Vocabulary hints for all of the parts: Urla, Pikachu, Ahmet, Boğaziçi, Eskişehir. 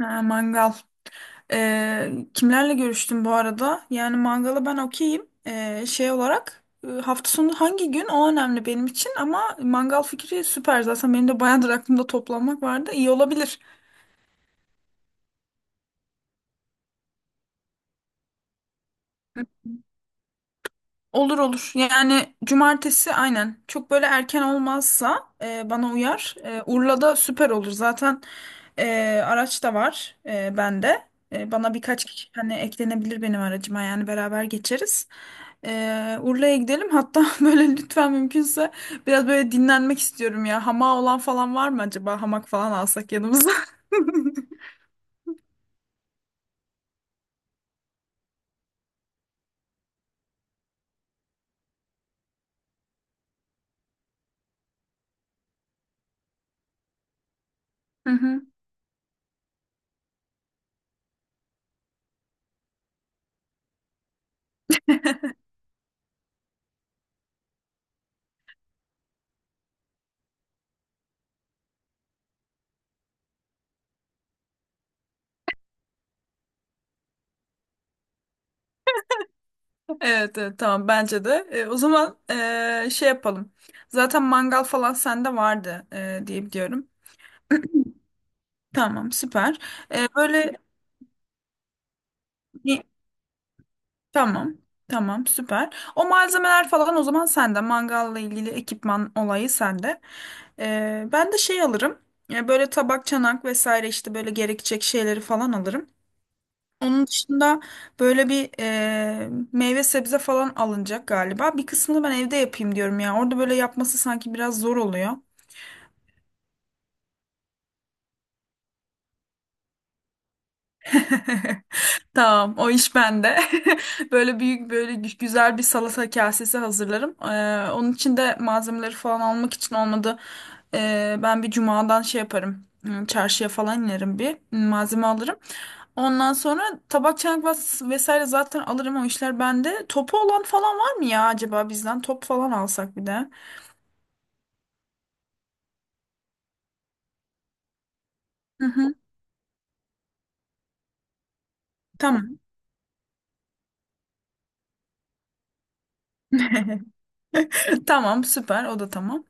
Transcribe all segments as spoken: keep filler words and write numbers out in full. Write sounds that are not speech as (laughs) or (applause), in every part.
Ha, mangal. Ee, kimlerle görüştüm bu arada? Yani mangala ben okeyim. Ee, şey olarak e, hafta sonu hangi gün o önemli benim için ama mangal fikri süper. Zaten benim de bayağıdır aklımda toplanmak vardı. İyi olabilir. Olur olur. Yani cumartesi aynen. Çok böyle erken olmazsa e, bana uyar. E, Urla'da süper olur. Zaten e, araç da var e, bende. E, bana birkaç kişi hani eklenebilir benim aracıma yani beraber geçeriz. E, Urla'ya gidelim. Hatta (laughs) böyle lütfen mümkünse biraz böyle dinlenmek istiyorum ya. Hamağı olan falan var mı acaba? Hamak falan alsak yanımıza. (laughs) (laughs) Hı hı. Evet, evet tamam bence de. E, o zaman e, şey yapalım. Zaten mangal falan sende vardı e, diye biliyorum. Tamam süper. E, böyle Tamam. Tamam, süper. O malzemeler falan o zaman sende. Mangalla ilgili ekipman olayı sende. Ee, ben de şey alırım. Ee, böyle tabak, çanak vesaire işte böyle gerekecek şeyleri falan alırım. Onun dışında böyle bir e, meyve sebze falan alınacak galiba. Bir kısmını ben evde yapayım diyorum ya. Orada böyle yapması sanki biraz zor oluyor. (laughs) Tamam, o iş bende. (laughs) Böyle büyük böyle gü- güzel bir salata kasesi hazırlarım. Ee, onun için de malzemeleri falan almak için olmadı. Ee, ben bir cumadan şey yaparım. Hmm, çarşıya falan inerim bir hmm, malzeme alırım. Ondan sonra tabak çanak vas- vesaire zaten alırım o işler bende. Topu olan falan var mı ya acaba bizden? Top falan alsak bir de. Hı hı, tamam. (laughs) Tamam süper o da tamam.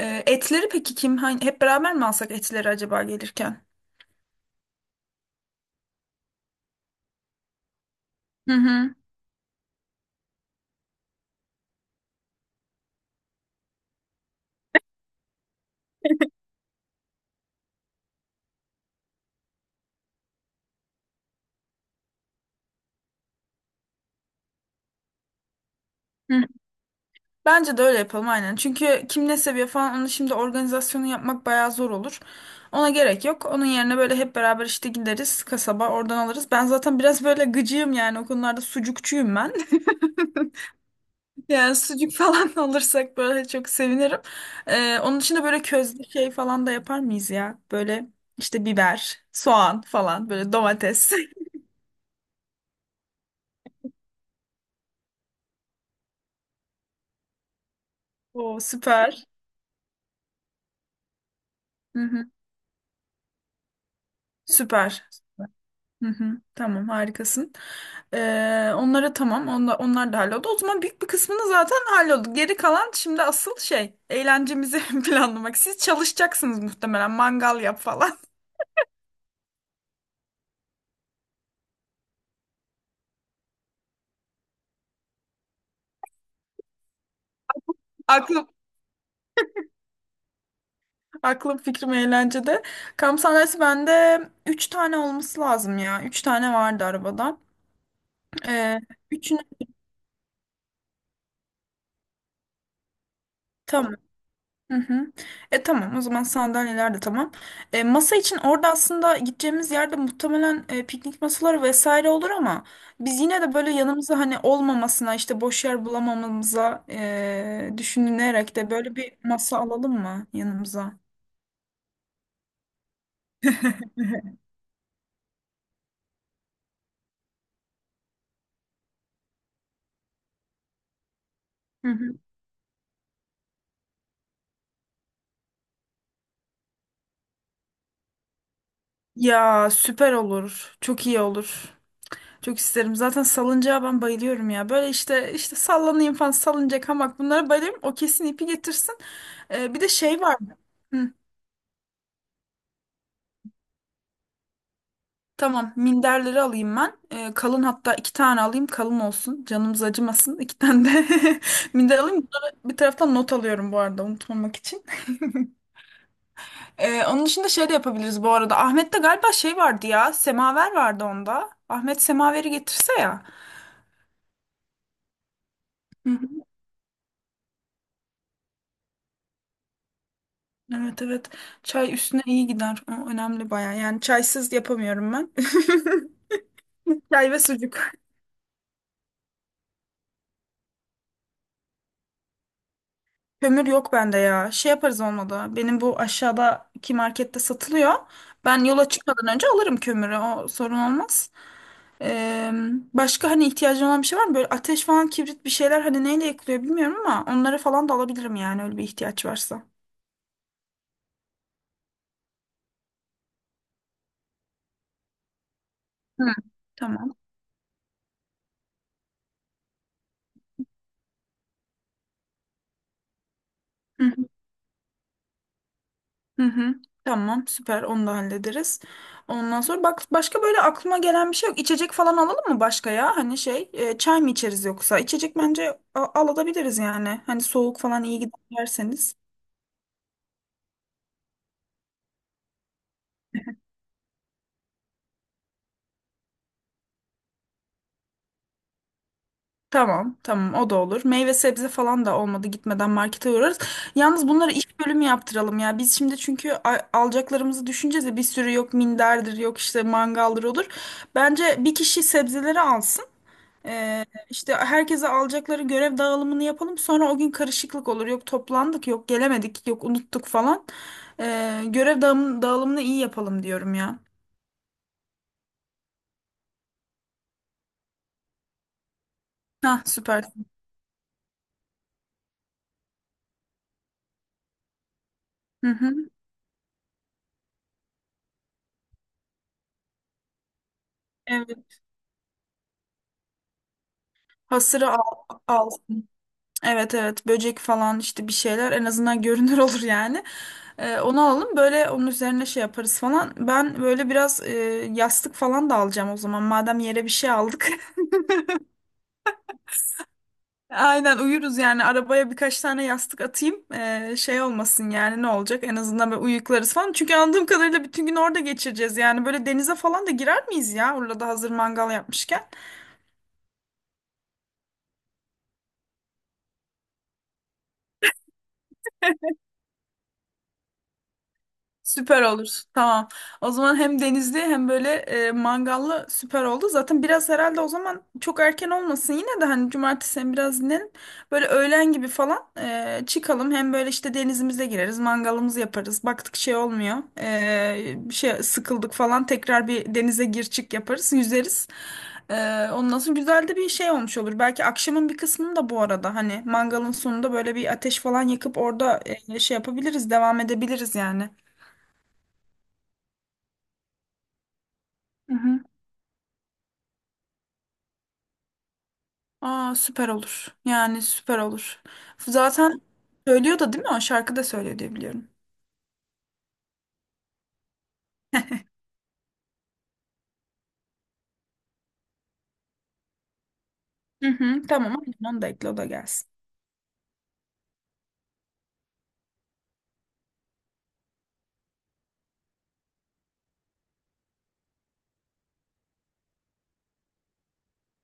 Ee, etleri peki kim? Hani hep beraber mi alsak etleri acaba gelirken? Hı hı. hı. Bence de öyle yapalım aynen. Çünkü kim ne seviyor falan onu şimdi organizasyonu yapmak bayağı zor olur. Ona gerek yok. Onun yerine böyle hep beraber işte gideriz kasaba oradan alırız. Ben zaten biraz böyle gıcığım yani o konularda sucukçuyum ben. (laughs) Yani sucuk falan (laughs) alırsak böyle çok sevinirim. Ee, onun için de böyle közlü şey falan da yapar mıyız ya? Böyle işte biber, soğan falan böyle domates. (laughs) O süper. Hı hı. Süper. Hı hı, tamam harikasın. Ee, onlara tamam onlar, onlar da halloldu. O zaman büyük bir kısmını zaten halloldu. Geri kalan şimdi asıl şey eğlencemizi (laughs) planlamak. Siz çalışacaksınız muhtemelen mangal yap falan. (laughs) Aklım, aklım fikrim eğlencede. Kamp sahnesi bende üç tane olması lazım ya. Üç tane vardı arabada. Ee, Üçünü tamam. Hı hı. E tamam o zaman sandalyeler de tamam. E, masa için orada aslında gideceğimiz yerde muhtemelen e, piknik masaları vesaire olur ama biz yine de böyle yanımıza hani olmamasına işte boş yer bulamamamıza e, düşünülerek de böyle bir masa alalım mı yanımıza? Hı hı. Ya süper olur. Çok iyi olur. Çok isterim. Zaten salıncağa ben bayılıyorum ya. Böyle işte işte sallanayım falan salıncak hamak bunlara bayılıyorum. O kesin ipi getirsin. E, bir de şey var. Hı. Tamam, minderleri alayım ben. Ee, kalın hatta iki tane alayım, kalın olsun. Canımız acımasın. İki tane de (laughs) minder alayım. Bunları bir taraftan not alıyorum bu arada unutmamak için. Ee, onun dışında şey de yapabiliriz bu arada. Ahmet'te galiba şey vardı ya, semaver vardı onda. Ahmet semaveri getirse ya. Hı hı. Evet evet. Çay üstüne iyi gider. O önemli baya. Yani çaysız yapamıyorum ben. (laughs) Çay ve sucuk. Kömür yok bende ya. Şey yaparız olmadı. Benim bu aşağıdaki markette satılıyor. Ben yola çıkmadan önce alırım kömürü. O sorun olmaz. Ee, Başka hani ihtiyacın olan bir şey var mı? Böyle ateş falan, kibrit bir şeyler hani neyle yakılıyor bilmiyorum ama onları falan da alabilirim yani öyle bir ihtiyaç varsa. Hı. Tamam. Hı. Hı hı. Tamam, süper. Onu da hallederiz. Ondan sonra bak başka böyle aklıma gelen bir şey yok. İçecek falan alalım mı başka ya? Hani şey, e, çay mı içeriz yoksa? İçecek bence a- alabiliriz yani. Hani soğuk falan iyi gider derseniz. Tamam, tamam o da olur. Meyve sebze falan da olmadı gitmeden markete uğrarız. Yalnız bunları iş bölümü yaptıralım ya. Biz şimdi çünkü a- alacaklarımızı düşüneceğiz de bir sürü yok minderdir, yok işte mangaldır olur. Bence bir kişi sebzeleri alsın. Ee, işte herkese alacakları görev dağılımını yapalım. Sonra o gün karışıklık olur. Yok toplandık, yok gelemedik, yok unuttuk falan. Ee, görev dağım- dağılımını iyi yapalım diyorum ya. Hah süper. Hı hı. Evet. Hasırı al, al. Evet evet böcek falan işte bir şeyler en azından görünür (laughs) olur yani. Ee, onu alalım böyle onun üzerine şey yaparız falan. Ben böyle biraz e, yastık falan da alacağım o zaman. Madem yere bir şey aldık. (laughs) Aynen uyuruz yani arabaya birkaç tane yastık atayım. Ee, şey olmasın yani ne olacak en azından böyle uyuklarız falan. Çünkü anladığım kadarıyla bütün gün orada geçireceğiz yani böyle denize falan da girer miyiz ya orada hazır mangal yapmışken. Süper olur. Tamam. O zaman hem denizli hem böyle e, mangallı süper oldu. Zaten biraz herhalde o zaman çok erken olmasın yine de hani cumartesi hem biraz dinlenin. Böyle öğlen gibi falan e, çıkalım. Hem böyle işte denizimize gireriz, mangalımızı yaparız. Baktık şey olmuyor. E, bir şey sıkıldık falan tekrar bir denize gir çık yaparız, yüzeriz. E, ondan sonra güzel de bir şey olmuş olur. Belki akşamın bir kısmını da bu arada hani mangalın sonunda böyle bir ateş falan yakıp orada e, şey yapabiliriz, devam edebiliriz yani. Hı hı. Aa süper olur. Yani süper olur. Zaten söylüyor da değil mi? O şarkı da söylüyor diye biliyorum. Hı hı. Tamam. Onu da ekle o da gelsin.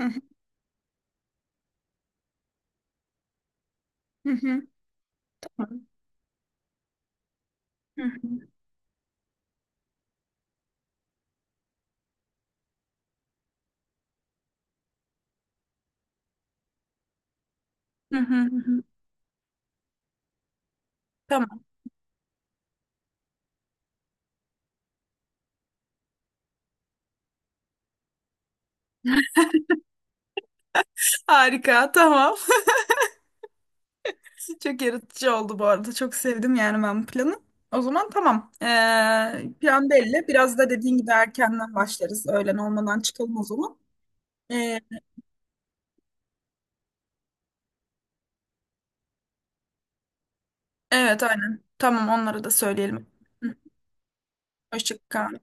Hı hı. Hı hı. Tamam. Hı hı. Hı hı. Hı hı. Tamam. Harika. Tamam. (laughs) Çok yaratıcı oldu bu arada. Çok sevdim yani ben bu planı. O zaman tamam. Ee, plan belli. Biraz da dediğin gibi erkenden başlarız. Öğlen olmadan çıkalım o zaman. Ee, evet aynen. Tamam onlara da söyleyelim. Hı. Hoşça kal.